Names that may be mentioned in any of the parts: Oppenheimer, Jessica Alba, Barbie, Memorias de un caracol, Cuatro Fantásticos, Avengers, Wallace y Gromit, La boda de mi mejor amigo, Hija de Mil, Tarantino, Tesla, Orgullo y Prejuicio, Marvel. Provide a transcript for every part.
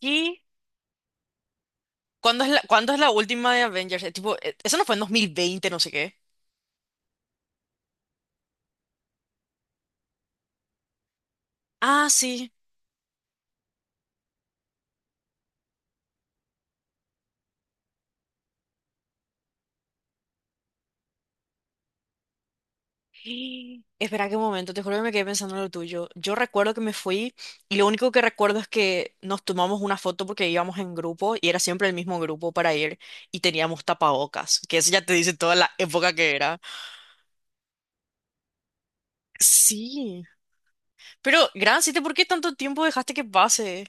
¿Y cuándo es la última de Avengers? Tipo, eso no fue en 2020, no sé qué. Ah, sí. Espera qué momento, te juro que me quedé pensando en lo tuyo. Yo recuerdo que me fui y lo único que recuerdo es que nos tomamos una foto porque íbamos en grupo y era siempre el mismo grupo para ir y teníamos tapabocas, que eso ya te dice toda la época que era. Sí. Pero, ¿por qué tanto tiempo dejaste que pase?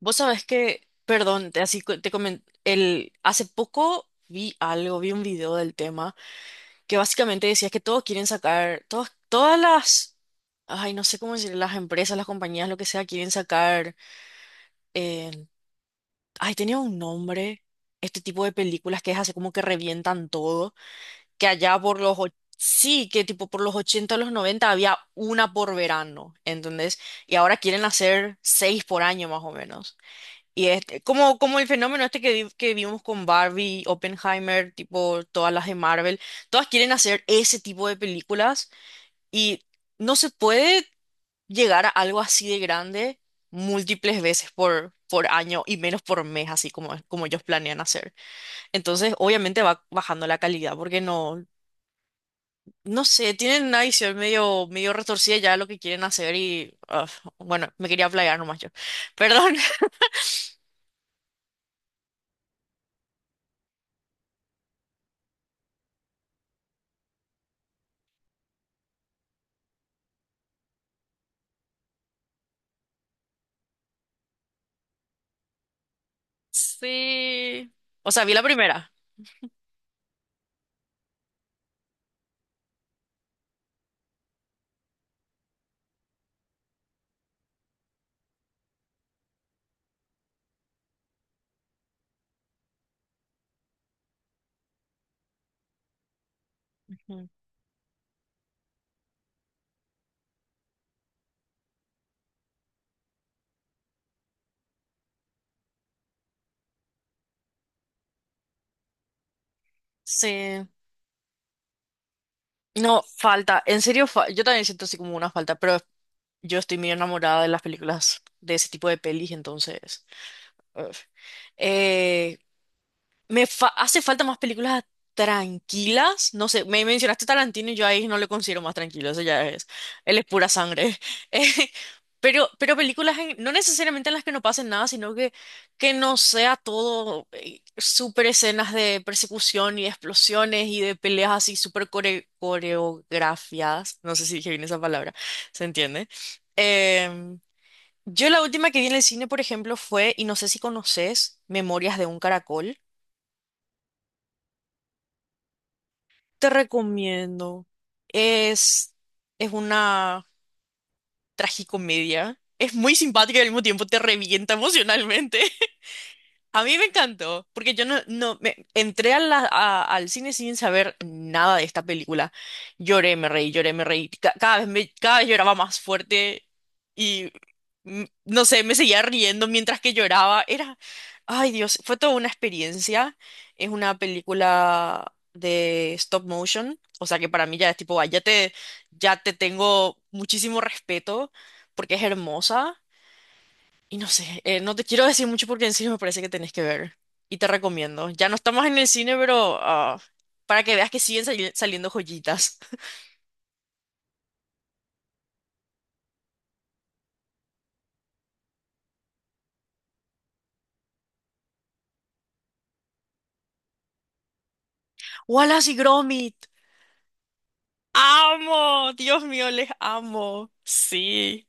Vos sabés que, perdón, te comenté, hace poco vi algo, vi un video del tema, que básicamente decía que todos quieren sacar, todas las, ay, no sé cómo decir, las empresas, las compañías, lo que sea, quieren sacar, eh, ay, tenía un nombre, este tipo de películas que es así como que revientan todo, que allá sí, que tipo por los 80 a los 90 había una por verano, ¿entendés? Y ahora quieren hacer seis por año más o menos. Y es como, el fenómeno este que, que vimos con Barbie, Oppenheimer, tipo todas las de Marvel, todas quieren hacer ese tipo de películas y no se puede llegar a algo así de grande múltiples veces por año y menos por mes, así como, como ellos planean hacer. Entonces, obviamente va bajando la calidad porque no, no sé, tienen una visión medio, medio retorcida ya de lo que quieren hacer y ah, bueno, me quería playar nomás yo. Perdón. Sí. O sea, vi la primera. Mm. Sí, no, falta, en serio, yo también siento así como una falta, pero yo estoy muy enamorada de las películas, de ese tipo de pelis, entonces, uf. Eh, hace falta más películas tranquilas. No sé, me mencionaste Tarantino y yo ahí no le considero más tranquilo. Eso ya es. Él es pura sangre. Eh, pero películas no necesariamente en las que no pasen nada, sino que no sea todo súper escenas de persecución y de explosiones y de peleas así súper coreografiadas. No sé si dije bien esa palabra. ¿Se entiende? Em, yo la última que vi en el cine, por ejemplo, fue, y no sé si conoces, Memorias de un caracol. Te recomiendo. Es, es una tragicomedia. Es muy simpática y al mismo tiempo te revienta emocionalmente. A mí me encantó, porque yo no, no me, entré al cine sin saber nada de esta película. Lloré, me reí, lloré, me reí. Cada cada vez lloraba más fuerte y no sé, me seguía riendo mientras que lloraba. Era, ay Dios, fue toda una experiencia. Es una película de stop motion, o sea que para mí ya es tipo, "Ay, ya te tengo muchísimo respeto porque es hermosa. Y no sé, no te quiero decir mucho porque en serio me parece que tenés que ver. Y te recomiendo. Ya no estamos en el cine, pero ah, para que veas que siguen saliendo joyitas. Wallace y Gromit. Amo, Dios mío, les amo. Sí.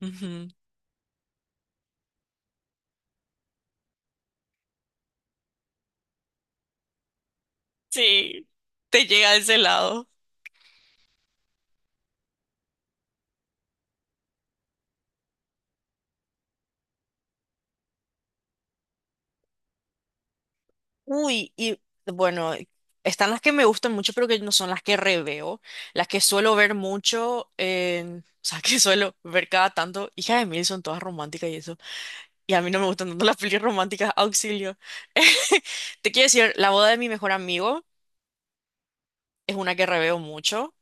Ujú. Sí. Te llega a ese lado. Uy, y bueno, están las que me gustan mucho, pero que no son las que reveo. Las que suelo ver mucho, o sea, que suelo ver cada tanto. Hija de Mil son todas románticas y eso. Y a mí no me gustan tanto las pelis románticas, auxilio. Te quiero decir, La boda de mi mejor amigo es una que reveo mucho.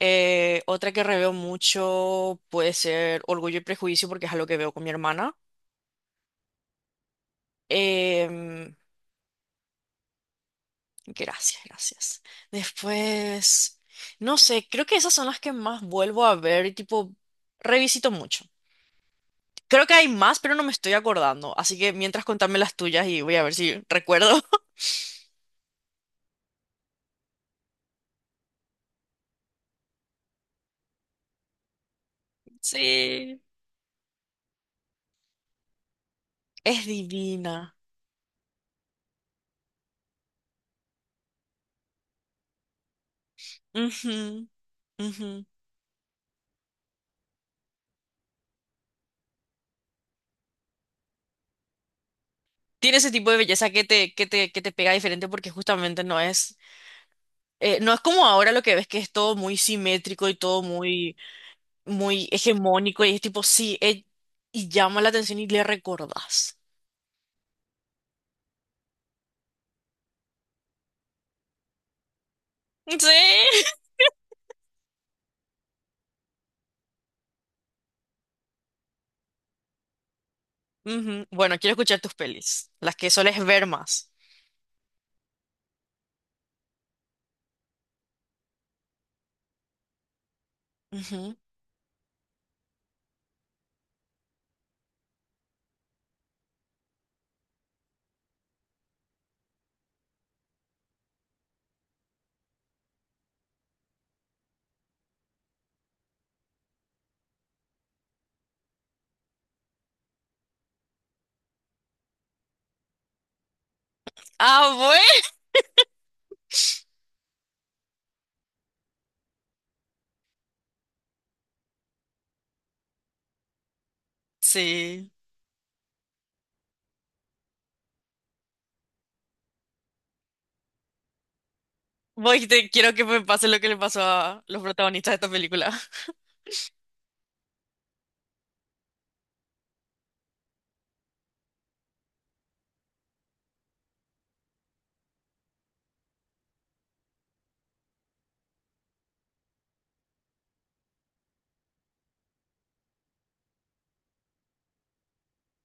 Otra que reveo mucho puede ser Orgullo y Prejuicio porque es algo que veo con mi hermana. Em, gracias, gracias. Después, no sé, creo que esas son las que más vuelvo a ver y tipo revisito mucho. Creo que hay más, pero no me estoy acordando. Así que mientras contame las tuyas y voy a ver si recuerdo. Sí. Es divina. Ujú. Ujú. Tiene ese tipo de belleza que te, pega diferente porque justamente no es como ahora lo que ves que es todo muy simétrico y todo muy hegemónico y es tipo, sí, y llama la atención y le recordás. Sí. Ujú. Bueno, quiero escuchar tus pelis, las que sueles ver más. Ujú. Ah, bueno. Sí. Voy, te quiero que me pase lo que le pasó a los protagonistas de esta película.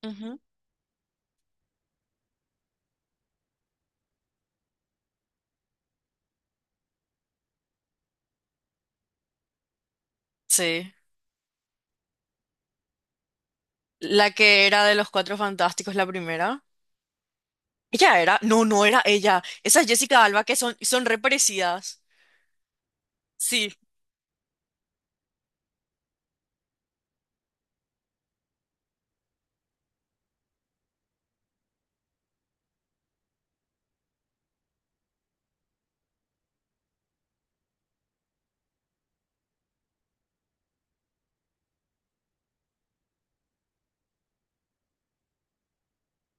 Ujú. Sí. La que era de los Cuatro Fantásticos, la primera. ¿Ella era? No, no era ella. Esa es Jessica Alba, que son re parecidas. Sí.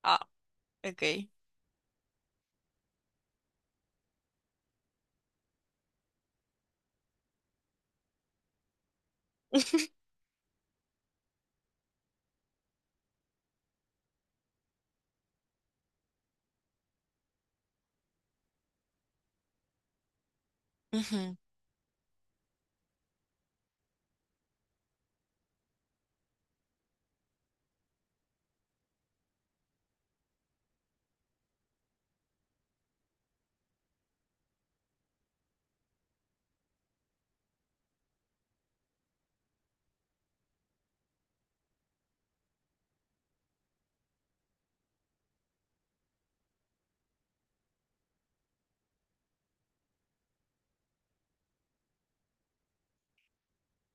Ah, ok. Ujú.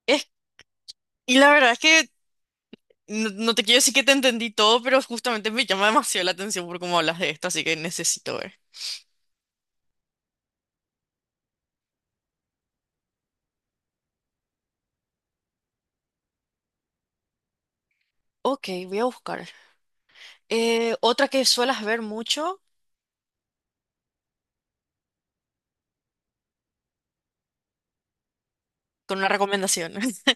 Es- y la verdad es que no, no te quiero decir que te entendí todo, pero justamente me llama demasiado la atención por cómo hablas de esto, así que necesito ver. Ok, voy a buscar. Otra que suelas ver mucho, con una recomendación.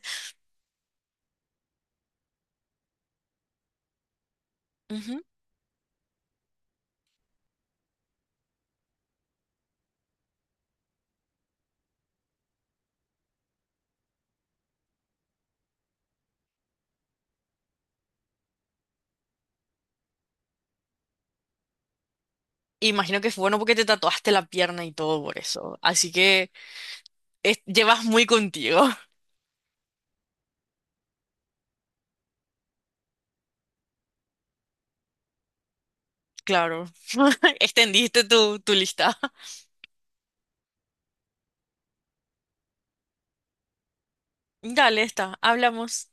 Ujú. Imagino que fue bueno porque te tatuaste la pierna y todo por eso. Así que llevas muy contigo. Claro. Extendiste tu lista. Dale, está. Hablamos.